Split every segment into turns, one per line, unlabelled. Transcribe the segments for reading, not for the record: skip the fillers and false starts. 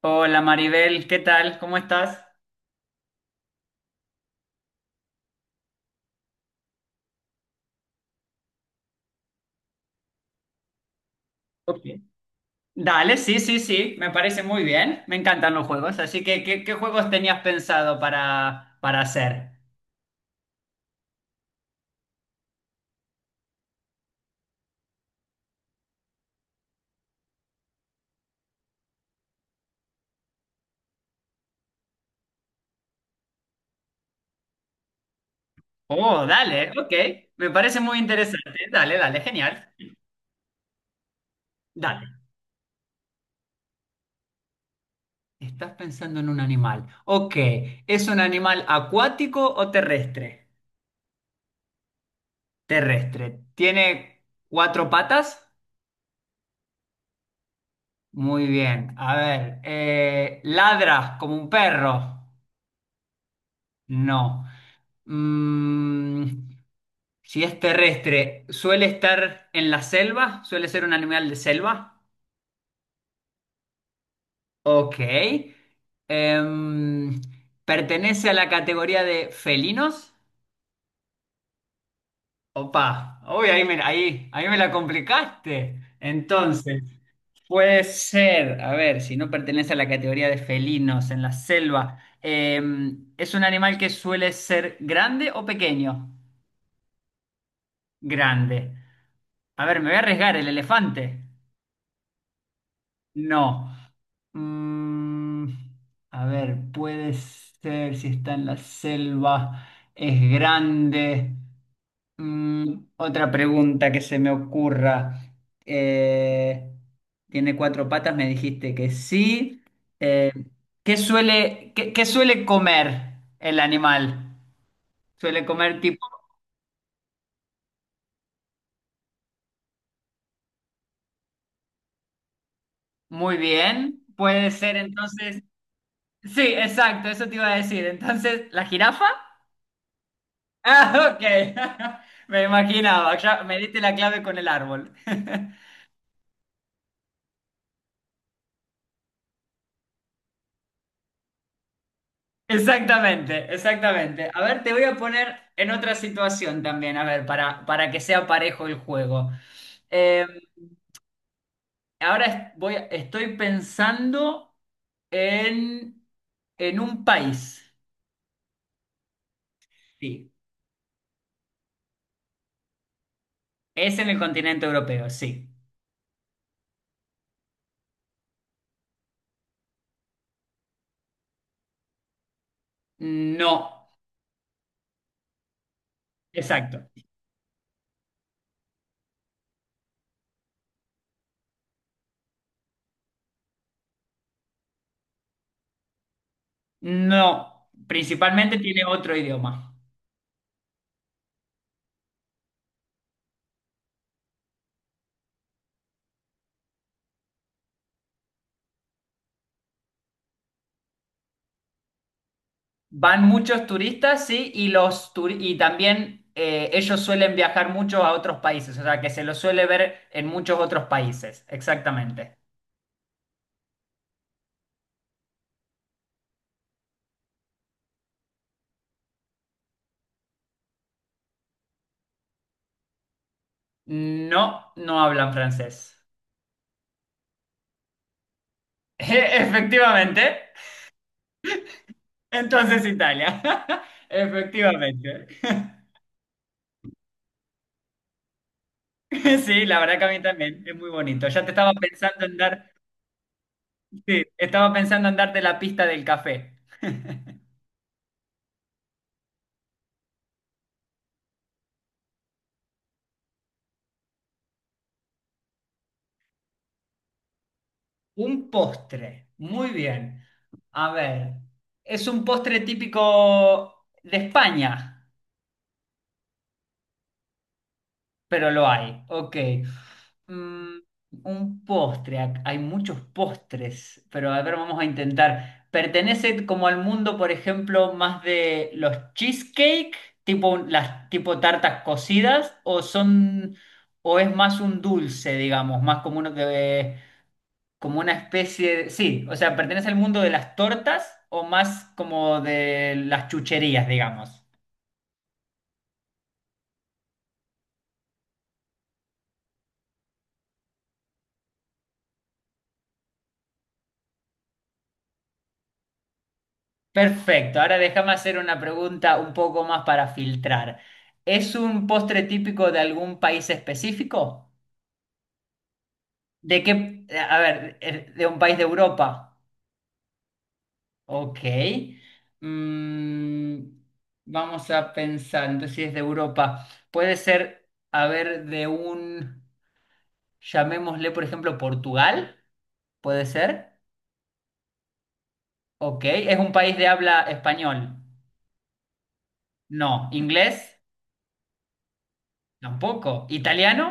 Hola Maribel, ¿qué tal? ¿Cómo estás? Ok. Dale, sí, sí, sí, me parece muy bien. Me encantan los juegos, así que ¿qué juegos tenías pensado para hacer? Oh, dale, ok, me parece muy interesante. Dale, dale, genial. Dale, estás pensando en un animal. Ok, ¿es un animal acuático o terrestre? Terrestre. ¿Tiene cuatro patas? Muy bien. A ver, ¿ladra como un perro? No. Mm, Si es terrestre, ¿suele estar en la selva? ¿Suele ser un animal de selva? Ok. Em, ¿Pertenece a la categoría de felinos? Opa, uy, ahí me la complicaste. Entonces, puede ser, a ver, si no pertenece a la categoría de felinos en la selva, ¿es un animal que suele ser grande o pequeño? Grande. A ver, me voy a arriesgar, ¿el elefante? No. Mm, a ver, puede ser si está en la selva, es grande. Mm, otra pregunta que se me ocurra. Eh, ¿Tiene cuatro patas? Me dijiste que sí. Eh, ¿Qué suele, qué suele comer el animal? ¿Suele comer tipo... Muy bien, puede ser entonces... Sí, exacto, eso te iba a decir. Entonces, ¿la jirafa? Ah, ok. Me imaginaba, ya me diste la clave con el árbol. Exactamente, exactamente. A ver, te voy a poner en otra situación también, a ver, para que sea parejo el juego. Eh, voy, estoy pensando en, en un país. Sí. Es en el continente europeo, sí. No, exacto. No, principalmente tiene otro idioma. Van muchos turistas, sí, y, y también ellos suelen viajar mucho a otros países, o sea que se los suele ver en muchos otros países, exactamente. No, no hablan francés. Efectivamente. Entonces Italia. Efectivamente. Sí, la verdad que a mí también, es muy bonito. Ya te estaba pensando en dar, sí, estaba pensando en darte la pista del café. Un postre. Muy bien. A ver, es un postre típico de España, pero lo hay. Ok. Mm, un postre. Hay muchos postres, pero a ver, vamos a intentar. ¿Pertenece como al mundo, por ejemplo, más de los cheesecake, las tipo tartas cocidas, o es más un dulce, digamos, más común como una especie de... Sí, o sea, ¿pertenece al mundo de las tortas o más como de las chucherías, digamos? Perfecto, ahora déjame hacer una pregunta un poco más para filtrar. ¿Es un postre típico de algún país específico? ¿De qué? A ver, ¿de un país de Europa? Ok. Mm, vamos a pensar, entonces si es de Europa, puede ser, a ver, llamémosle, por ejemplo, Portugal, ¿puede ser? Ok, ¿es un país de habla español? No. ¿Inglés? Tampoco. ¿Italiano?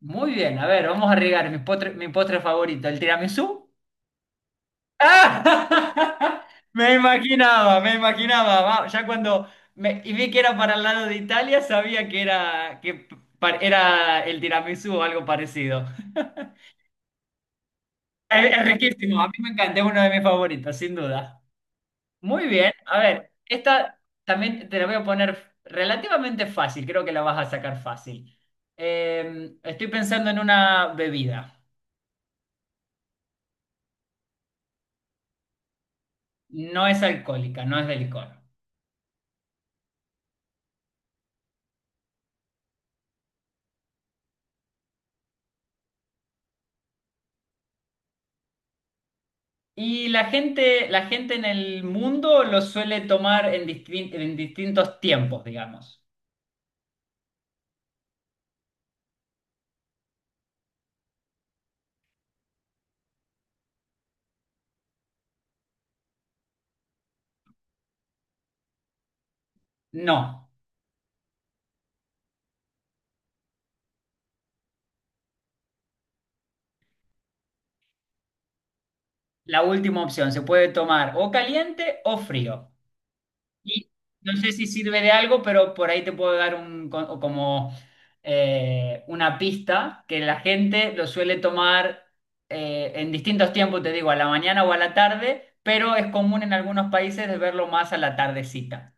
Muy bien, a ver, vamos a arriesgar mi postre favorito, el tiramisú. ¡Ah! Me imaginaba, me imaginaba. Va, Ya cuando me, y vi que era para el lado de Italia, sabía que era, que era el tiramisú o algo parecido. Es riquísimo, a mí me encanta, es uno de mis favoritos, sin duda. Muy bien, a ver, esta también te la voy a poner relativamente fácil, creo que la vas a sacar fácil. Estoy pensando en una bebida, no es alcohólica, no es de licor. Y la gente en el mundo lo suele tomar en distintos tiempos, digamos. No, la última opción, se puede tomar o caliente o frío. Y no sé si sirve de algo, pero por ahí te puedo dar o como una pista que la gente lo suele tomar en distintos tiempos, te digo, a la mañana o a la tarde, pero es común en algunos países de verlo más a la tardecita.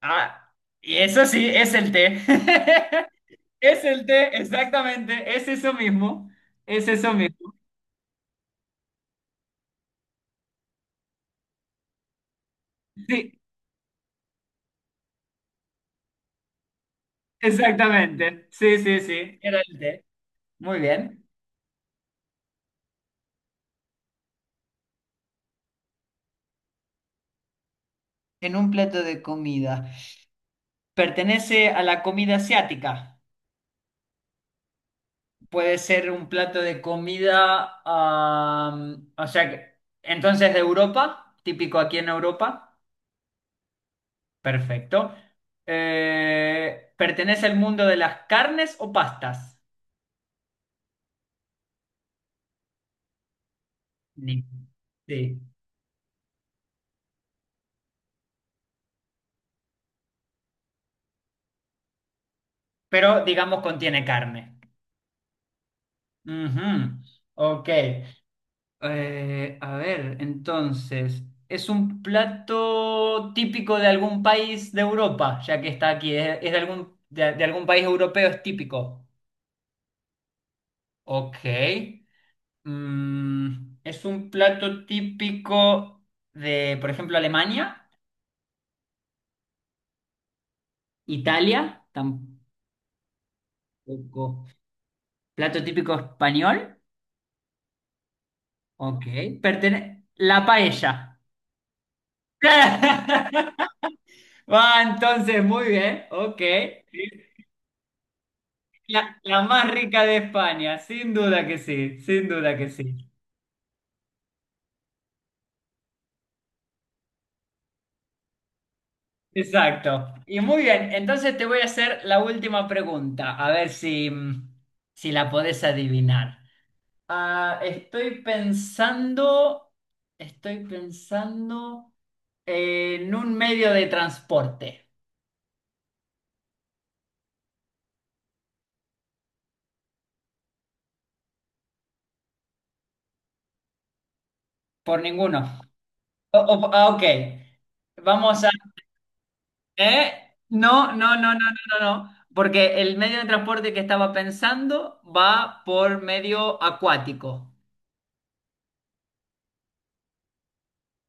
Ah, y eso sí, es el té. Es el té, exactamente, es eso mismo, es eso mismo. Sí, exactamente, sí, sí, sí, era el té. Muy bien. En un plato de comida. Pertenece a la comida asiática. Puede ser un plato de comida, o sea, entonces de Europa, típico aquí en Europa. Perfecto. ¿Pertenece al mundo de las carnes o pastas? Ni- Sí. Pero digamos contiene carne. Ujú. Ok. A ver, entonces, ¿es un plato típico de algún país de Europa, ya que está aquí? Es de algún, de algún país europeo? ¿Es típico? Ok. Mm, ¿es un plato típico de, por ejemplo, Alemania? ¿Italia? Tampoco. ¿Plato típico español? Ok. La paella. Va, entonces, muy bien. Ok. La más rica de España, sin duda que sí, sin duda que sí. Exacto. Y muy bien, entonces te voy a hacer la última pregunta, a ver si, mm, si la podés adivinar. Ah, estoy pensando en un medio de transporte, por ninguno. Ah, ok, vamos a... ¿Eh? No, no, no, no, no, no, no, porque el medio de transporte que estaba pensando va por medio acuático.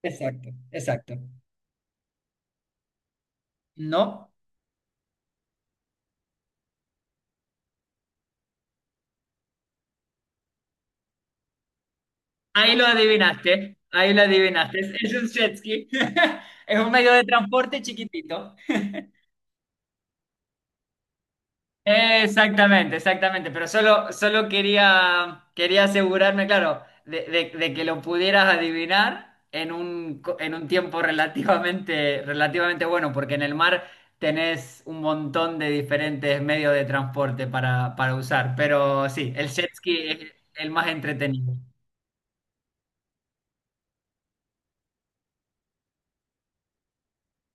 Exacto, exacto. No, ahí lo adivinaste, es un jet ski, es un medio de transporte chiquitito. Exactamente, exactamente, pero solo, solo quería, quería asegurarme, claro, de que lo pudieras adivinar en un, en un tiempo relativamente, relativamente bueno, porque en el mar tenés un montón de diferentes medios de transporte para usar, pero sí, el jet ski es el más entretenido.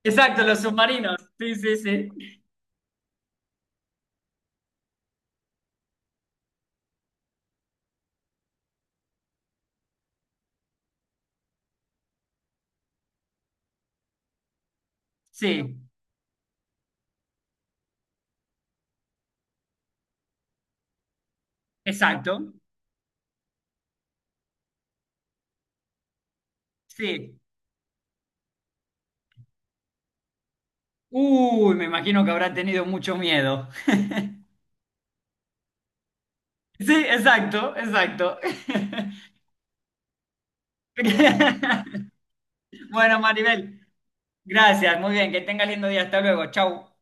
Exacto, los submarinos, sí, sí, sí, sí, exacto, sí. Uy, me imagino que habrá tenido mucho miedo. Sí, exacto, exacto. Bueno, Maribel, gracias. Muy bien, que tengas lindo día. Hasta luego. Chau.